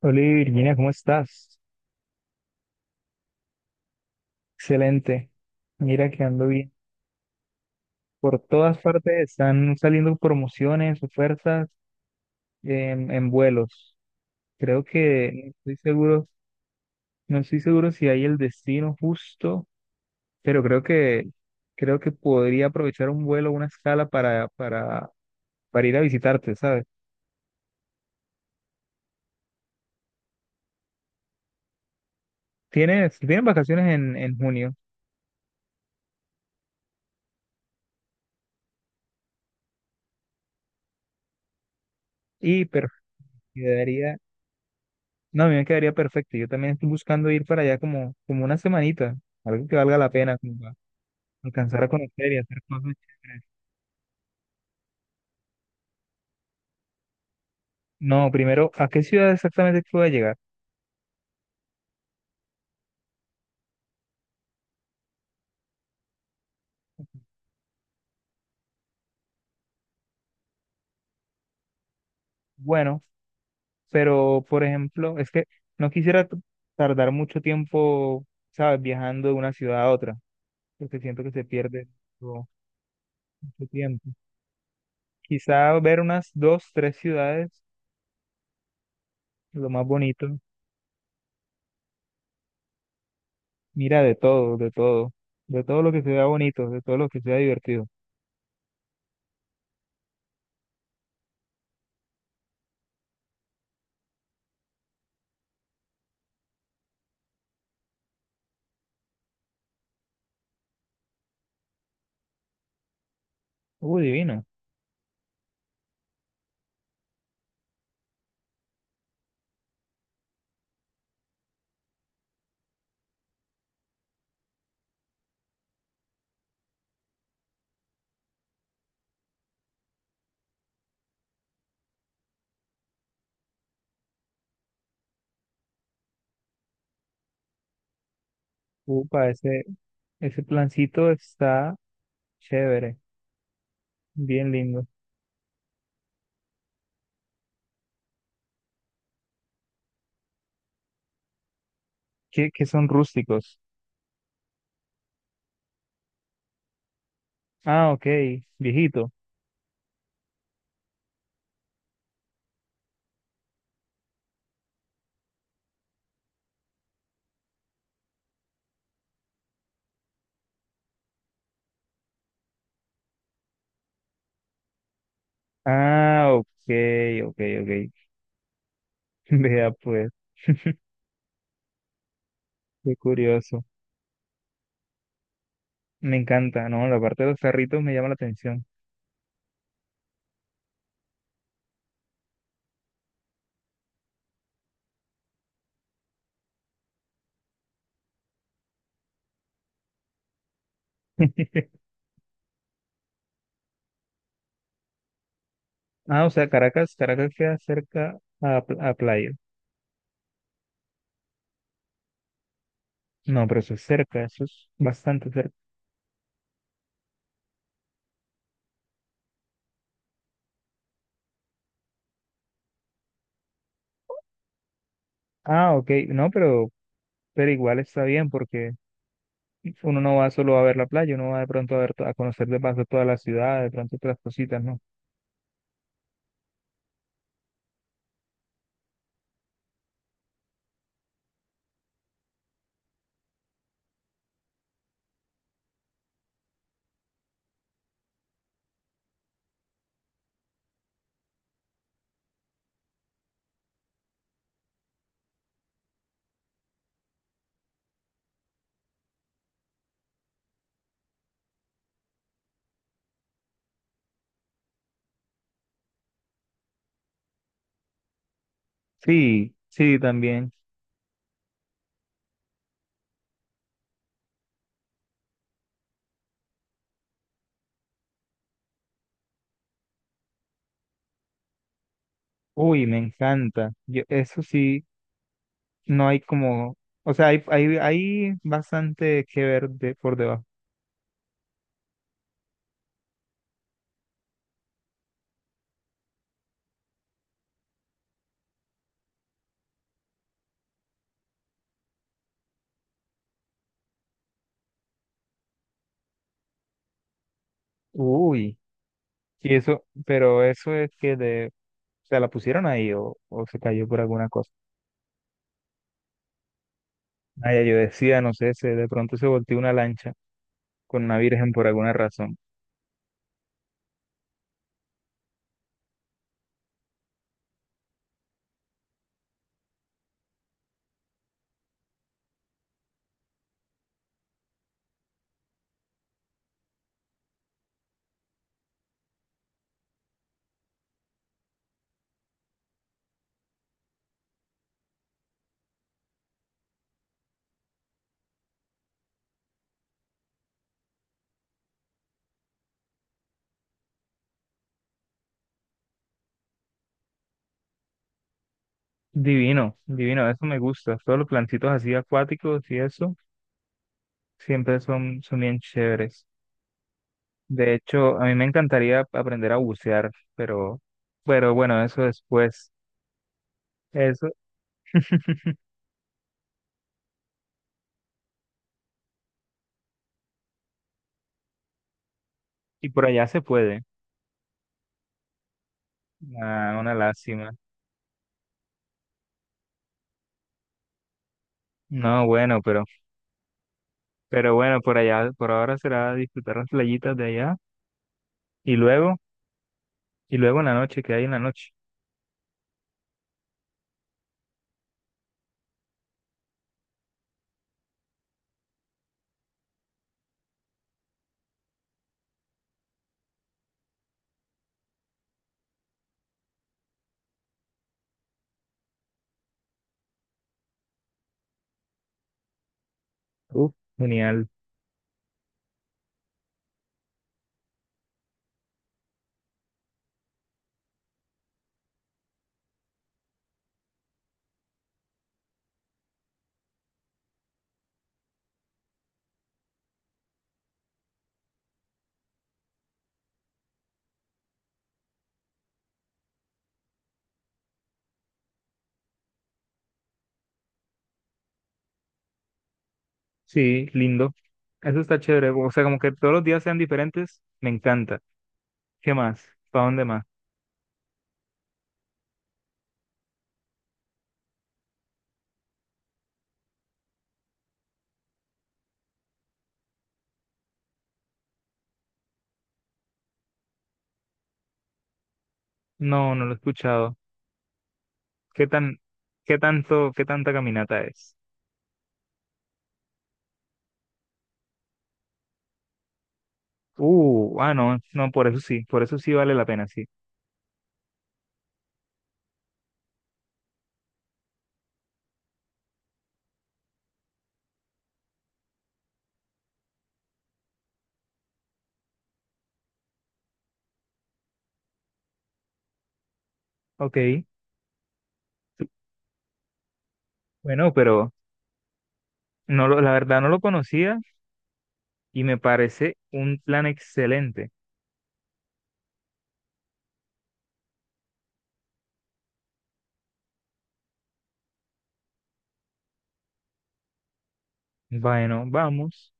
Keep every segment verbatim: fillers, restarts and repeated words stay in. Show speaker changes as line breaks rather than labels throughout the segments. Hola Virginia, ¿cómo estás? Excelente. Mira que ando bien. Por todas partes están saliendo promociones, ofertas en, en vuelos. Creo que, no estoy seguro, no estoy seguro si hay el destino justo, pero creo que, creo que podría aprovechar un vuelo, una escala para, para, para ir a visitarte, ¿sabes? Tienes, tienes vacaciones en, en junio y per- quedaría, no, a mí me quedaría perfecto. Yo también estoy buscando ir para allá como, como una semanita, algo que valga la pena. Alcanzar a conocer y hacer cosas chéveres. No, primero, ¿a qué ciudad exactamente que voy a llegar? Bueno, pero por ejemplo, es que no quisiera t- tardar mucho tiempo, ¿sabes? Viajando de una ciudad a otra, porque siento que se pierde mucho, mucho tiempo. Quizá ver unas dos, tres ciudades, lo más bonito. Mira, de todo, de todo, de todo lo que se vea bonito, de todo lo que sea divertido. Uy, divino. Upa, ese, ese plancito está chévere, bien lindo. ¿Qué, qué son rústicos? Ah, ok, viejito. Ah, ok, ok, ok. Vea pues, qué curioso. Me encanta, ¿no? La parte de los carritos me llama la atención. Ah, o sea, Caracas, Caracas queda cerca a, pl- a playa. No, pero eso es cerca, eso es bastante cerca. Ah, ok, no, pero, pero igual está bien porque uno no va solo a ver la playa, uno va de pronto a ver, to- a conocer de paso toda la ciudad, de pronto otras cositas, ¿no? Sí, sí, también. Uy, me encanta. Yo, eso sí, no hay como, o sea, hay, hay, hay bastante que ver de, por debajo. Uy, y eso, pero eso es que de, o sea la pusieron ahí o, o se cayó por alguna cosa. Ay, yo decía, no sé, se, de pronto se volteó una lancha con una virgen por alguna razón. Divino, divino, eso me gusta. Todos los plancitos así acuáticos y eso siempre son, son bien chéveres. De hecho, a mí me encantaría aprender a bucear, pero, pero bueno, eso después, eso, y por allá se puede. Ah, una lástima. No, bueno, pero, pero bueno, por allá, por ahora será disfrutar las playitas de allá y luego, y luego en la noche, ¿que hay en la noche? Uf, genial. Sí, lindo. Eso está chévere. O sea, como que todos los días sean diferentes, me encanta. ¿Qué más? ¿Para dónde más? No, no lo he escuchado. ¿Qué tan, qué tanto, qué tanta caminata es? Uh, ah, no, no, por eso sí, por eso sí vale la pena, sí. Ok, bueno, pero no lo, la verdad no lo conocía y me parece un plan excelente. Bueno, vamos.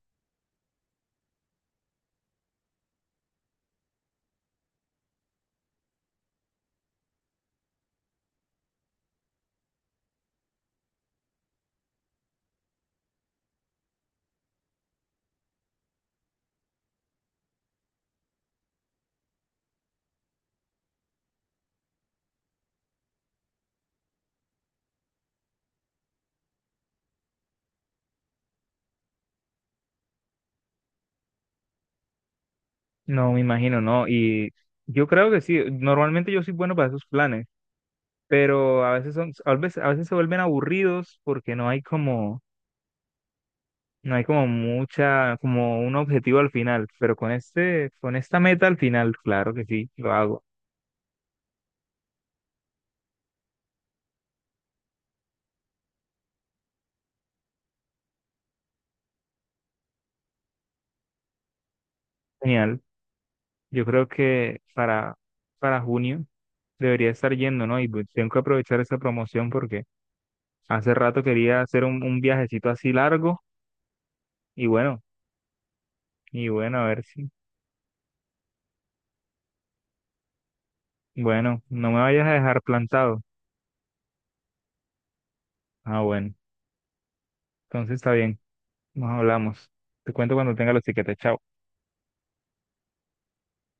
No, me imagino, no. Y yo creo que sí, normalmente yo soy bueno para esos planes, pero a veces son, a veces, a veces se vuelven aburridos porque no hay como, no hay como mucha, como un objetivo al final, pero con este, con esta meta al final, claro que sí, lo hago. Genial. Yo creo que para, para junio debería estar yendo, ¿no? Y pues tengo que aprovechar esa promoción porque hace rato quería hacer un, un viajecito así largo y bueno, y bueno, a ver si. Bueno, no me vayas a dejar plantado. Ah, bueno, entonces está bien, nos hablamos. Te cuento cuando tenga los tiquetes, chao.